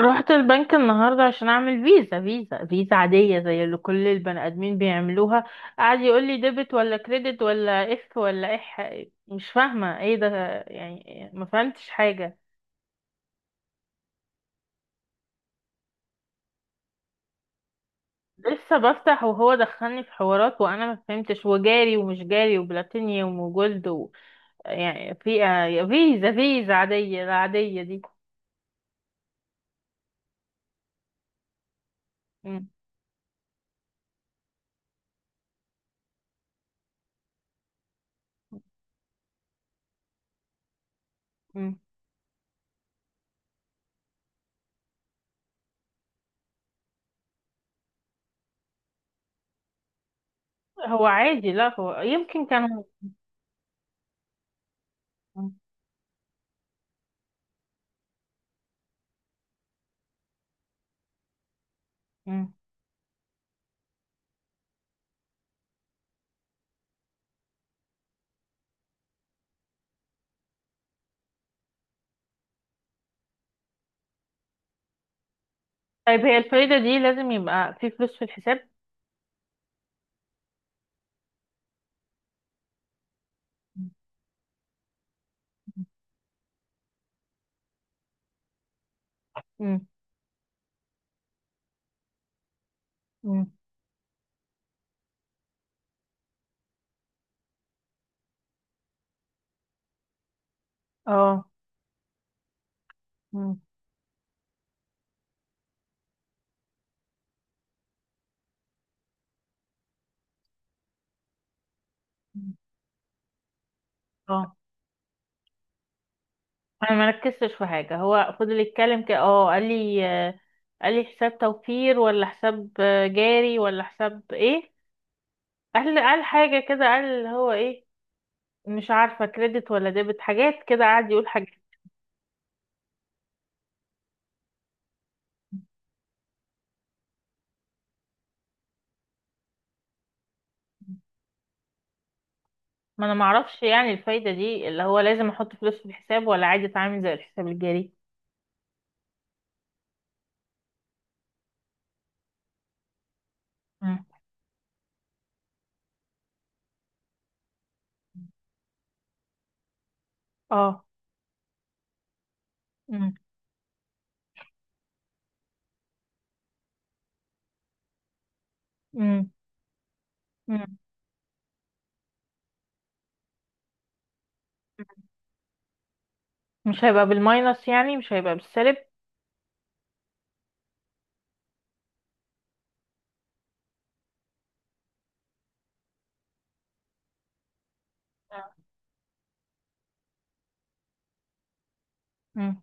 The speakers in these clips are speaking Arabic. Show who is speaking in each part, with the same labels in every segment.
Speaker 1: رحت البنك النهاردة عشان أعمل فيزا عادية زي اللي كل البني آدمين بيعملوها. قعد يقول لي ديبت ولا كريدت ولا اف ولا اح مش فاهمة ايه ده. يعني ما فهمتش حاجة. لسه بفتح وهو دخلني في حوارات وأنا ما فهمتش، وجاري ومش جاري وبلاتينيوم وجولد و... يعني في فيزا عادية دي. مم. مم. هو عادي، لا هو يمكن كان. مم. مم. طيب، هي الفايدة دي لازم يبقى في فلوس في الحساب؟ مم. مم. اه. مم. مم. اه، انا ما ركزتش في حاجه، هو فضل يتكلم كده. اه قال لي، قال لي حساب توفير ولا حساب جاري ولا حساب ايه. قال حاجه كده، قال هو ايه. مش عارفه، كريدت ولا ديبت، حاجات كده قعد يقول حاجات. ما انا ما اعرفش يعني الفايده دي اللي هو لازم احط فلوس في الحساب ولا عادي اتعامل زي الحساب الجاري؟ مم. اه. مم. مم. مم. مش هيبقى بالماينس؟ يعني مش هيبقى بالسالب؟ مم.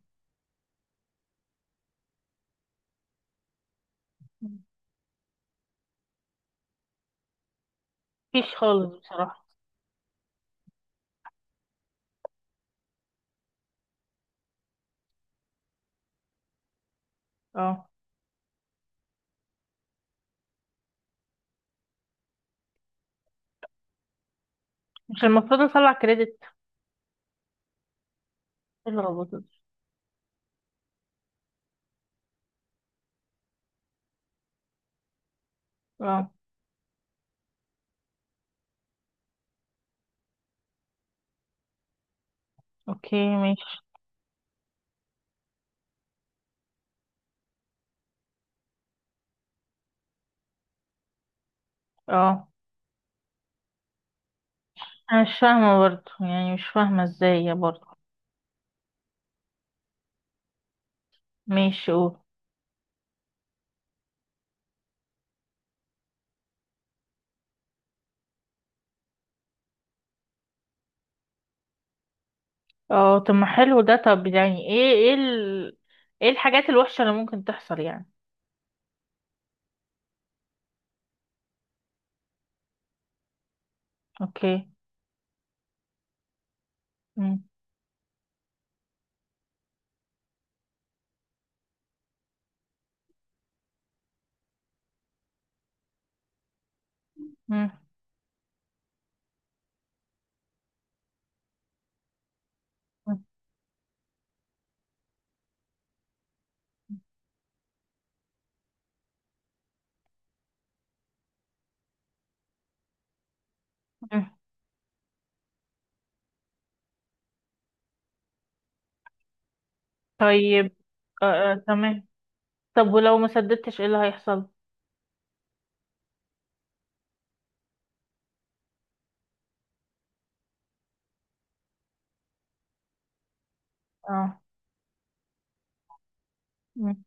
Speaker 1: مفيش خالص بصراحة. اه. مش المفروض نطلع كريدت؟ الروبوت ده. اه. اوكي ماشي. اه. انا مش فاهمة برضه، يعني مش فاهمة ازاي يا برضه. ماشي قول. اه طب ما حلو ده. طب يعني ايه ايه ال... ايه الحاجات الوحشة اللي ممكن تحصل يعني؟ اوكي. مم. مم. مم. مم. طيب. آه آه تمام. طب ولو ما سددتش ايه اللي هيحصل؟ اه. مم.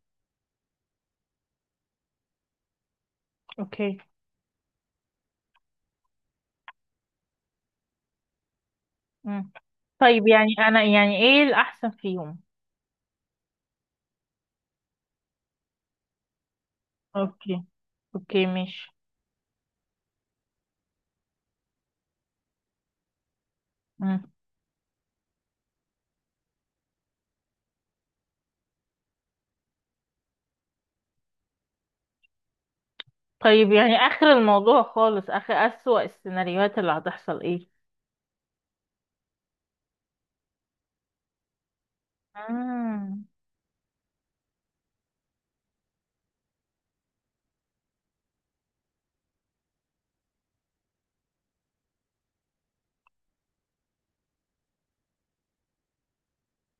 Speaker 1: اوكي. مم. طيب يعني انا يعني ايه الاحسن فيهم؟ اوكي. اوكي ماشي. مم. طيب يعني اخر الموضوع خالص، اخر اسوأ السيناريوهات اللي هتحصل ايه؟ امم.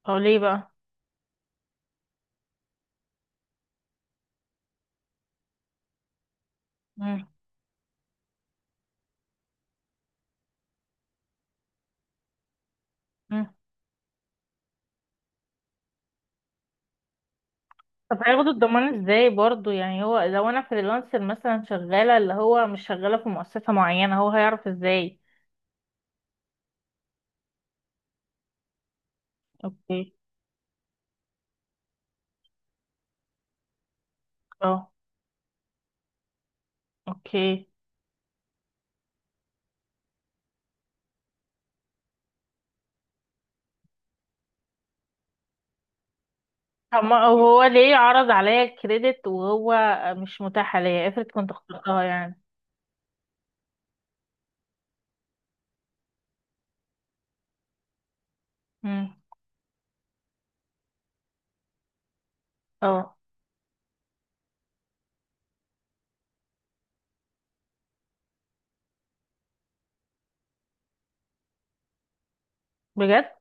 Speaker 1: هو ليه بقى؟ مم. مم. طب هياخدوا الضمان ازاي برضو؟ يعني هو لو انا فريلانسر مثلا، شغالة اللي هو مش شغالة في مؤسسة معينة، هو هيعرف ازاي؟ اوكي. اه. اوكي. طب ما هو ليه عرض عليا الكريدت وهو مش متاح ليا؟ افرض كنت اخترتها يعني. امم. اه. بجد؟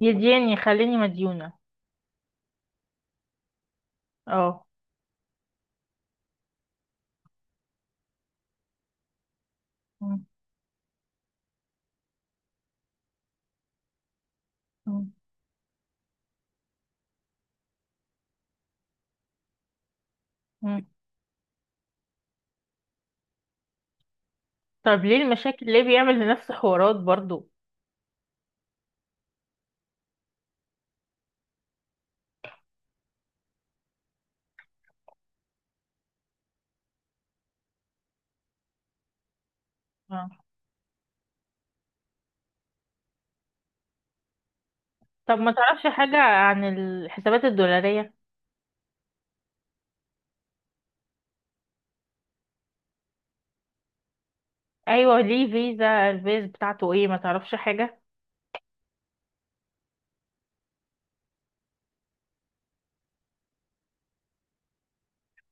Speaker 1: يديني خليني مديونة. اه. مم. مم. طب ليه المشاكل؟ ليه بيعمل لنفسه حوارات برضو؟ آه. طب ما تعرفش حاجة عن الحسابات الدولارية؟ ايوه، ليه فيزا الفيز بتاعته ايه؟ ما تعرفش حاجة.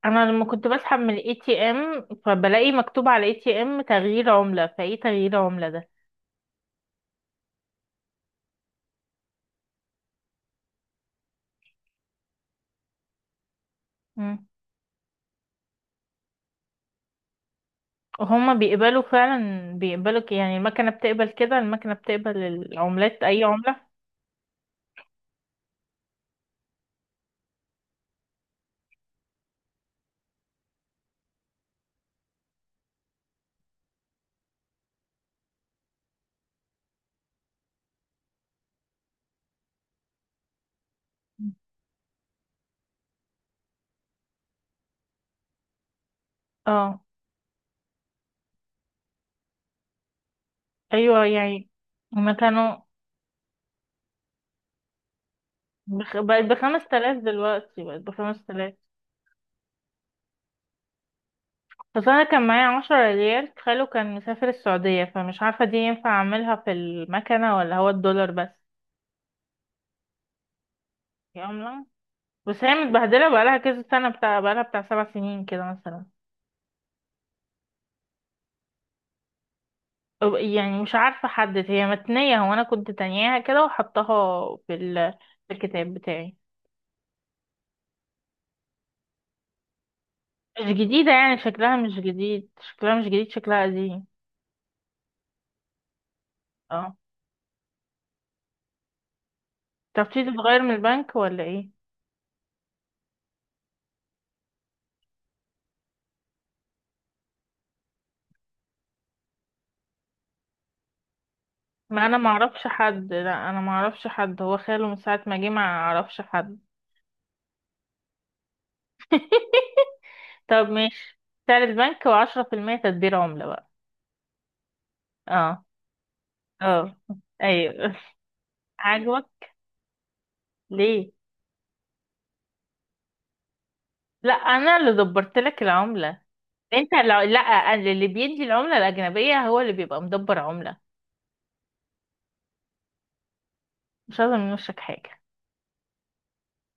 Speaker 1: انا لما كنت بسحب من الاي تي ام فبلاقي مكتوب على الاي تي ام تغيير عملة، فايه تغيير عملة ده؟ مم. وهما بيقبلوا فعلا؟ يعني المكنة بتقبل كده؟ المكنة بتقبل العملات؟ اي عملة؟ مم. اه. ايوه يعني. هما كانوا بقت 5 تلاف دلوقتي، بقت 5 تلاف. اصل انا كان معايا 10 ريال، خاله كان مسافر السعودية، فمش عارفة دي ينفع اعملها في المكنة ولا هو الدولار بس. دي عملة، بس هي متبهدلة بقالها كذا سنة بقالها 7 سنين كده مثلا. يعني مش عارفة احدد هي متنية، هو انا كنت تانياها كده وحطاها في في الكتاب بتاعي. مش جديدة يعني، شكلها مش جديد، شكلها مش جديد، شكلها قديم. اه. طب تيجي تتغير من البنك ولا ايه؟ ما انا معرفش حد، لا انا معرفش حد، هو خاله من ساعة ما جه، معرفش حد. طب ماشي. سعر البنك وعشرة في المية تدبير عملة بقى. اه اه ايوه. عاجبك؟ ليه؟ لا انا اللي دبرت لك العملة. انت لو لا أنا اللي بيدي العملة الأجنبية هو اللي بيبقى مدبر عملة. مش عايزة من وشك حاجة،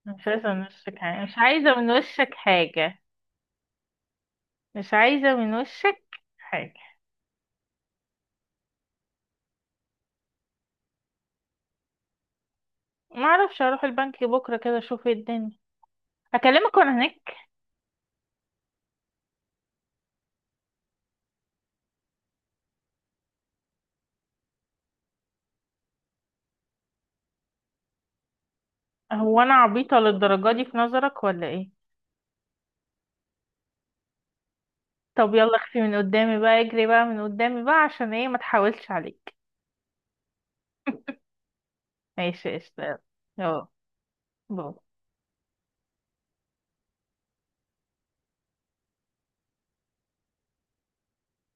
Speaker 1: مش عايزة من وشك حاجة، مش عايزة من وشك حاجة، مش عايزة من وشك حاجة. معرفش، اروح البنك بكرة كده اشوف ايه الدنيا. اكلمك وانا هناك. هو انا عبيطة للدرجة دي في نظرك ولا ايه؟ طب يلا اختي من قدامي بقى، اجري بقى من قدامي بقى، عشان ايه ما تحاولش عليك. ماشي قشطة يلا. اه. باي.